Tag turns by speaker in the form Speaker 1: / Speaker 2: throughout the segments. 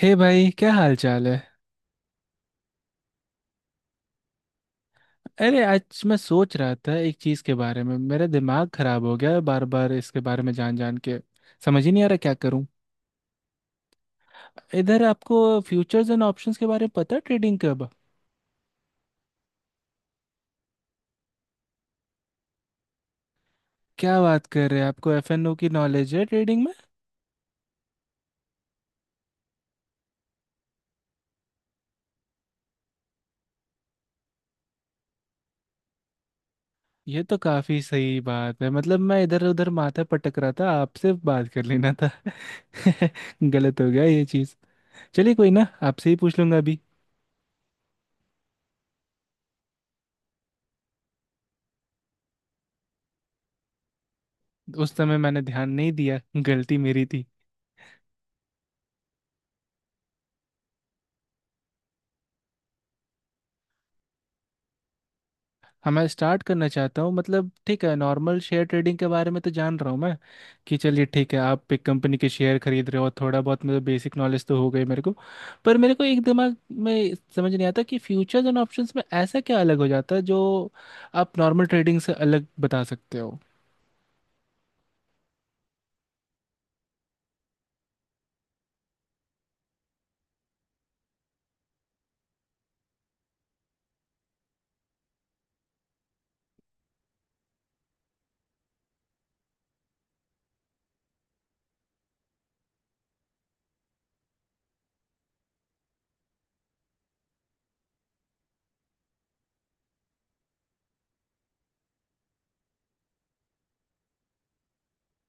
Speaker 1: हे भाई, क्या हाल चाल है। अरे आज मैं सोच रहा था एक चीज़ के बारे में, मेरा दिमाग खराब हो गया है बार बार इसके बारे में जान जान के। समझ ही नहीं आ रहा क्या करूं। इधर आपको फ्यूचर्स एंड ऑप्शंस के बारे में पता है ट्रेडिंग कब? क्या बात कर रहे हैं, आपको एफएनओ की नॉलेज है ट्रेडिंग में? ये तो काफ़ी सही बात है, मतलब मैं इधर उधर माथा पटक रहा था, आपसे बात कर लेना था। गलत हो गया ये चीज़। चलिए कोई ना, आपसे ही पूछ लूंगा अभी। उस समय मैंने ध्यान नहीं दिया, गलती मेरी। हाँ मैं स्टार्ट करना चाहता हूँ, मतलब ठीक है, नॉर्मल शेयर ट्रेडिंग के बारे में तो जान रहा हूँ मैं कि चलिए ठीक है आप एक कंपनी के शेयर खरीद रहे हो, थोड़ा बहुत मतलब बेसिक नॉलेज तो हो गई मेरे को। पर मेरे को एक दिमाग में समझ नहीं आता कि फ्यूचर्स एंड ऑप्शंस में ऐसा क्या अलग हो जाता है जो आप नॉर्मल ट्रेडिंग से अलग बता सकते हो।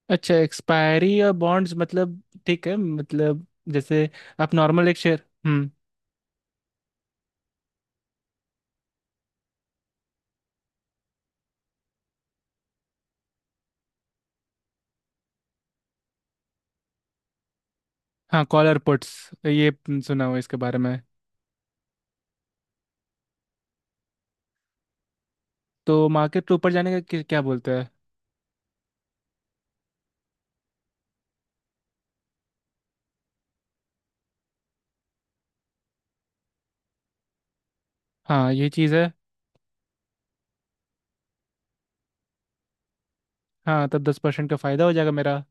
Speaker 1: अच्छा, एक्सपायरी और बॉन्ड्स, मतलब ठीक है मतलब, जैसे। आप नॉर्मल एक शेयर, हम्म। हाँ कॉलर पुट्स, ये सुना हुआ है इसके बारे में। तो मार्केट ऊपर जाने का क्या क्या बोलते हैं? हाँ ये चीज़ है। हाँ, तब 10% का फायदा हो जाएगा मेरा।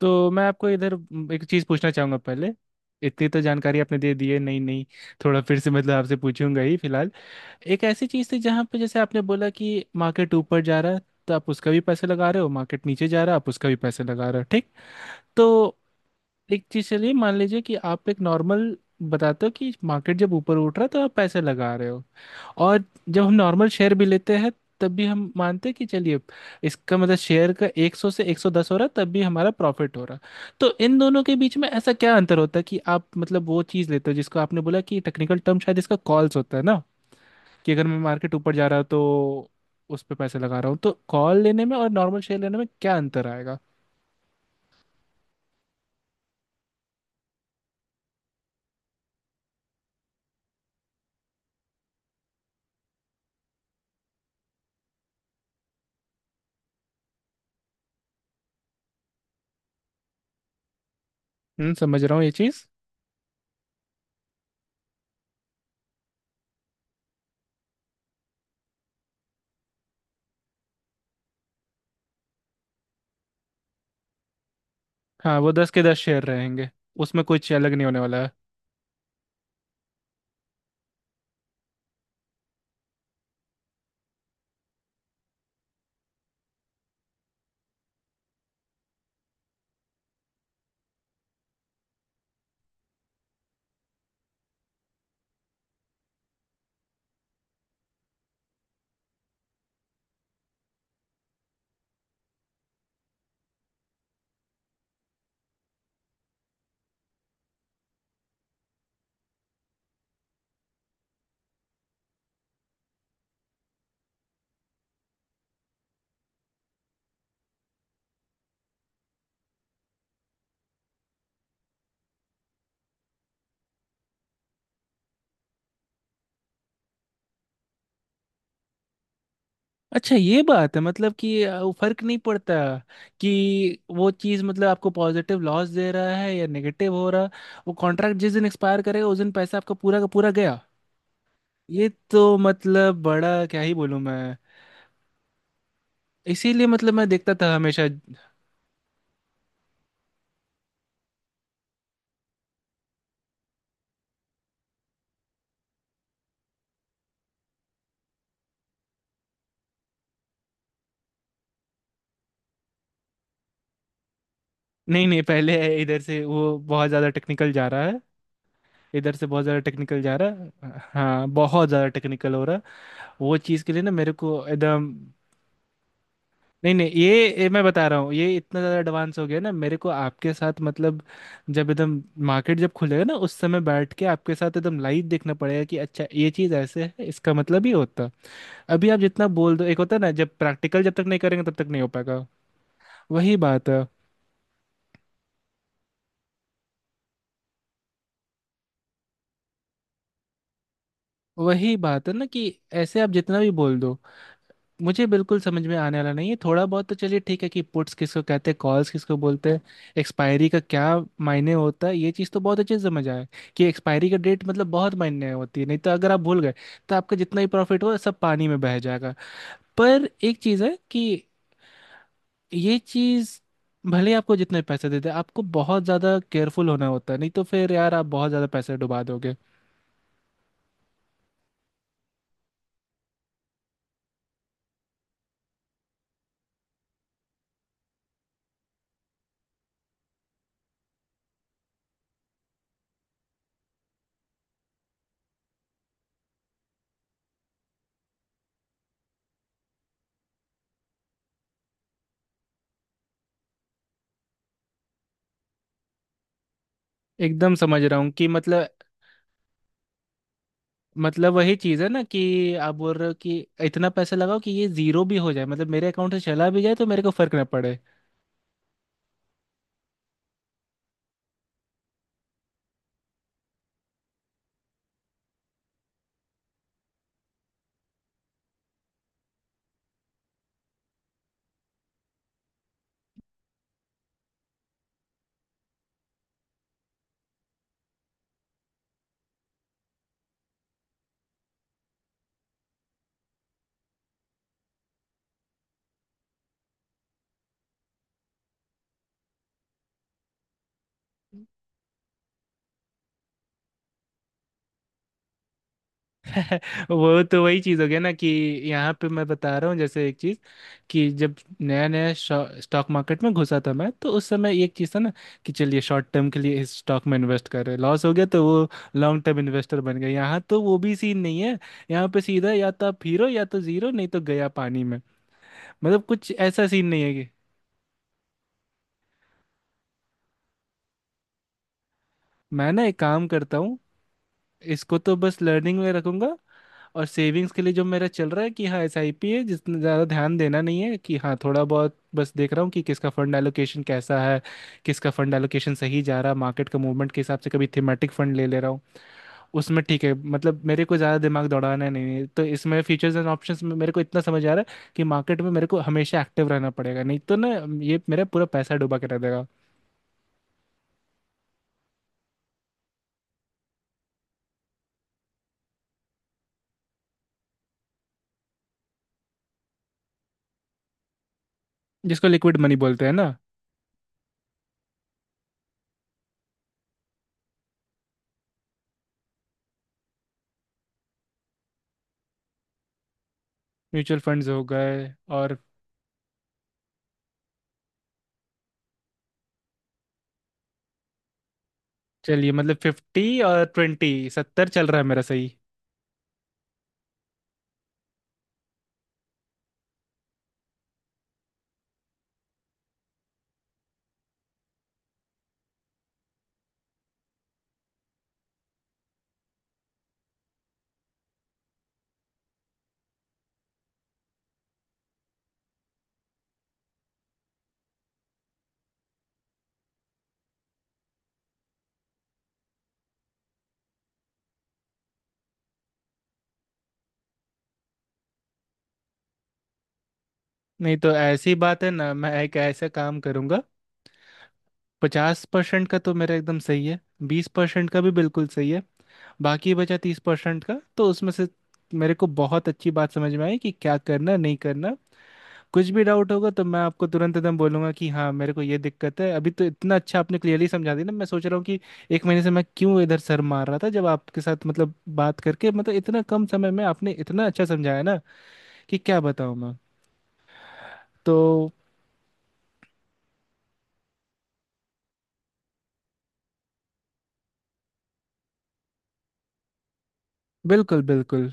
Speaker 1: तो मैं आपको इधर एक चीज़ पूछना चाहूँगा पहले। इतनी तो जानकारी आपने दे दी है, नहीं नहीं, थोड़ा फिर से मतलब आपसे पूछूंगा ही फिलहाल। एक ऐसी चीज़ थी जहाँ पे जैसे आपने बोला कि मार्केट ऊपर जा रहा है तो आप उसका भी पैसे लगा रहे हो, मार्केट नीचे जा रहा है आप उसका भी पैसे लगा रहे हो, ठीक। तो एक चीज़ चलिए मान लीजिए कि आप एक नॉर्मल बताते हो कि मार्केट जब ऊपर उठ रहा है तो आप पैसे लगा रहे हो, और जब हम नॉर्मल शेयर भी लेते हैं तब भी हम मानते हैं कि चलिए इसका मतलब शेयर का 100 से 110 हो रहा तब भी हमारा प्रॉफिट हो रहा। तो इन दोनों के बीच में ऐसा क्या अंतर होता है कि आप मतलब वो चीज़ लेते हो जिसको आपने बोला कि टेक्निकल टर्म शायद इसका कॉल्स होता है ना, कि अगर मैं मार्केट ऊपर जा रहा हूं तो उस पर पैसे लगा रहा हूँ, तो कॉल लेने में और नॉर्मल शेयर लेने में क्या अंतर आएगा? हम्म, समझ रहा हूँ ये चीज़। हाँ वो दस के दस शेयर रहेंगे, उसमें कुछ अलग नहीं होने वाला। अच्छा ये बात है, मतलब कि वो फर्क नहीं पड़ता कि वो चीज़ मतलब आपको पॉजिटिव लॉस दे रहा है या नेगेटिव हो रहा, वो कॉन्ट्रैक्ट जिस दिन एक्सपायर करेगा उस दिन पैसा आपका पूरा का पूरा गया। ये तो मतलब बड़ा क्या ही बोलूँ मैं। इसीलिए मतलब मैं देखता था हमेशा। नहीं नहीं, पहले, इधर से वो बहुत ज़्यादा टेक्निकल जा रहा है, इधर से बहुत ज़्यादा टेक्निकल जा रहा है, हाँ बहुत ज़्यादा टेक्निकल हो रहा है। वो चीज़ के लिए ना मेरे को एकदम, नहीं नहीं ये मैं बता रहा हूँ, ये इतना ज़्यादा एडवांस हो गया ना मेरे को आपके साथ मतलब, जब एकदम मार्केट जब खुलेगा ना उस समय बैठ के आपके साथ एकदम लाइव देखना पड़ेगा कि अच्छा ये चीज़ ऐसे है, इसका मतलब ये होता है। अभी आप जितना बोल दो, एक होता है ना जब प्रैक्टिकल जब तक नहीं करेंगे तब तक नहीं हो पाएगा। वही बात है। वही बात है ना कि ऐसे आप जितना भी बोल दो मुझे बिल्कुल समझ में आने वाला नहीं है, थोड़ा बहुत तो चलिए ठीक है कि पुट्स किसको कहते हैं, कॉल्स किसको बोलते हैं, एक्सपायरी का क्या मायने होता है ये चीज़ तो बहुत अच्छे से समझ आया कि एक्सपायरी का डेट मतलब बहुत मायने होती है, नहीं तो अगर आप भूल गए तो आपका जितना ही प्रॉफिट हो सब पानी में बह जाएगा। पर एक चीज़ है कि ये चीज़ भले ही आपको जितने पैसे दे दे, आपको बहुत ज़्यादा केयरफुल होना होता है, नहीं तो फिर यार आप बहुत ज़्यादा पैसे डुबा दोगे। एकदम समझ रहा हूँ कि मतलब, मतलब वही चीज़ है ना कि आप बोल रहे हो कि इतना पैसा लगाओ कि ये जीरो भी हो जाए, मतलब मेरे अकाउंट से चला भी जाए तो मेरे को फर्क ना पड़े। वो तो वही चीज़ हो गया ना कि यहाँ पे मैं बता रहा हूँ जैसे एक चीज़ कि जब नया नया स्टॉक मार्केट में घुसा था मैं, तो उस समय एक चीज़ था ना कि चलिए शॉर्ट टर्म के लिए इस स्टॉक में इन्वेस्ट कर रहे हैं, लॉस हो गया तो वो लॉन्ग टर्म इन्वेस्टर बन गए। यहाँ तो वो भी सीन नहीं है, यहाँ पे सीधा या तो आप हीरो या तो जीरो, नहीं तो गया पानी में। मतलब कुछ ऐसा सीन नहीं है कि। मैं ना एक काम करता हूँ, इसको तो बस लर्निंग में रखूंगा। और सेविंग्स के लिए जो मेरा चल रहा है कि हाँ, एसआईपी है जिसने ज़्यादा ध्यान देना नहीं है, कि हाँ थोड़ा बहुत बस देख रहा हूँ कि किसका फंड एलोकेशन कैसा है, किसका फंड एलोकेशन सही जा रहा है मार्केट का मूवमेंट के हिसाब से, कभी थीमेटिक फंड ले ले रहा हूँ उसमें ठीक है, मतलब मेरे को ज़्यादा दिमाग दौड़ाना है नहीं है। तो इसमें फीचर्स एंड ऑप्शंस में मेरे को इतना समझ आ रहा है कि मार्केट में मेरे को हमेशा एक्टिव रहना पड़ेगा, नहीं तो ना ये मेरा पूरा पैसा डुबा के रह देगा। जिसको लिक्विड मनी बोलते हैं ना। म्यूचुअल फंड्स हो गए और, चलिए मतलब फिफ्टी और ट्वेंटी सत्तर चल रहा है मेरा, सही। नहीं तो ऐसी बात है ना, मैं एक ऐसा काम करूंगा, 50% का तो मेरा एकदम सही है, 20% का भी बिल्कुल सही है, बाकी बचा 30% का, तो उसमें से मेरे को बहुत अच्छी बात समझ में आई कि क्या करना नहीं करना। कुछ भी डाउट होगा तो मैं आपको तुरंत एकदम बोलूंगा कि हाँ मेरे को ये दिक्कत है। अभी तो इतना अच्छा आपने क्लियरली समझा दिया ना, मैं सोच रहा हूँ कि एक महीने से मैं क्यों इधर सर मार रहा था, जब आपके साथ मतलब बात करके, मतलब इतना कम समय में आपने इतना अच्छा समझाया ना कि क्या बताऊँ मैं। तो बिल्कुल बिल्कुल।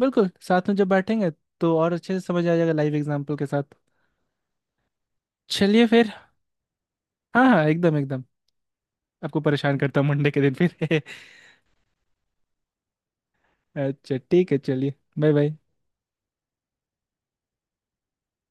Speaker 1: बिल्कुल साथ में जब बैठेंगे तो और अच्छे से समझ आ जाएगा लाइव एग्जाम्पल के साथ। चलिए फिर। हाँ हाँ एकदम एकदम, आपको परेशान करता हूँ मंडे के दिन फिर। अच्छा ठीक है चलिए, बाय बाय।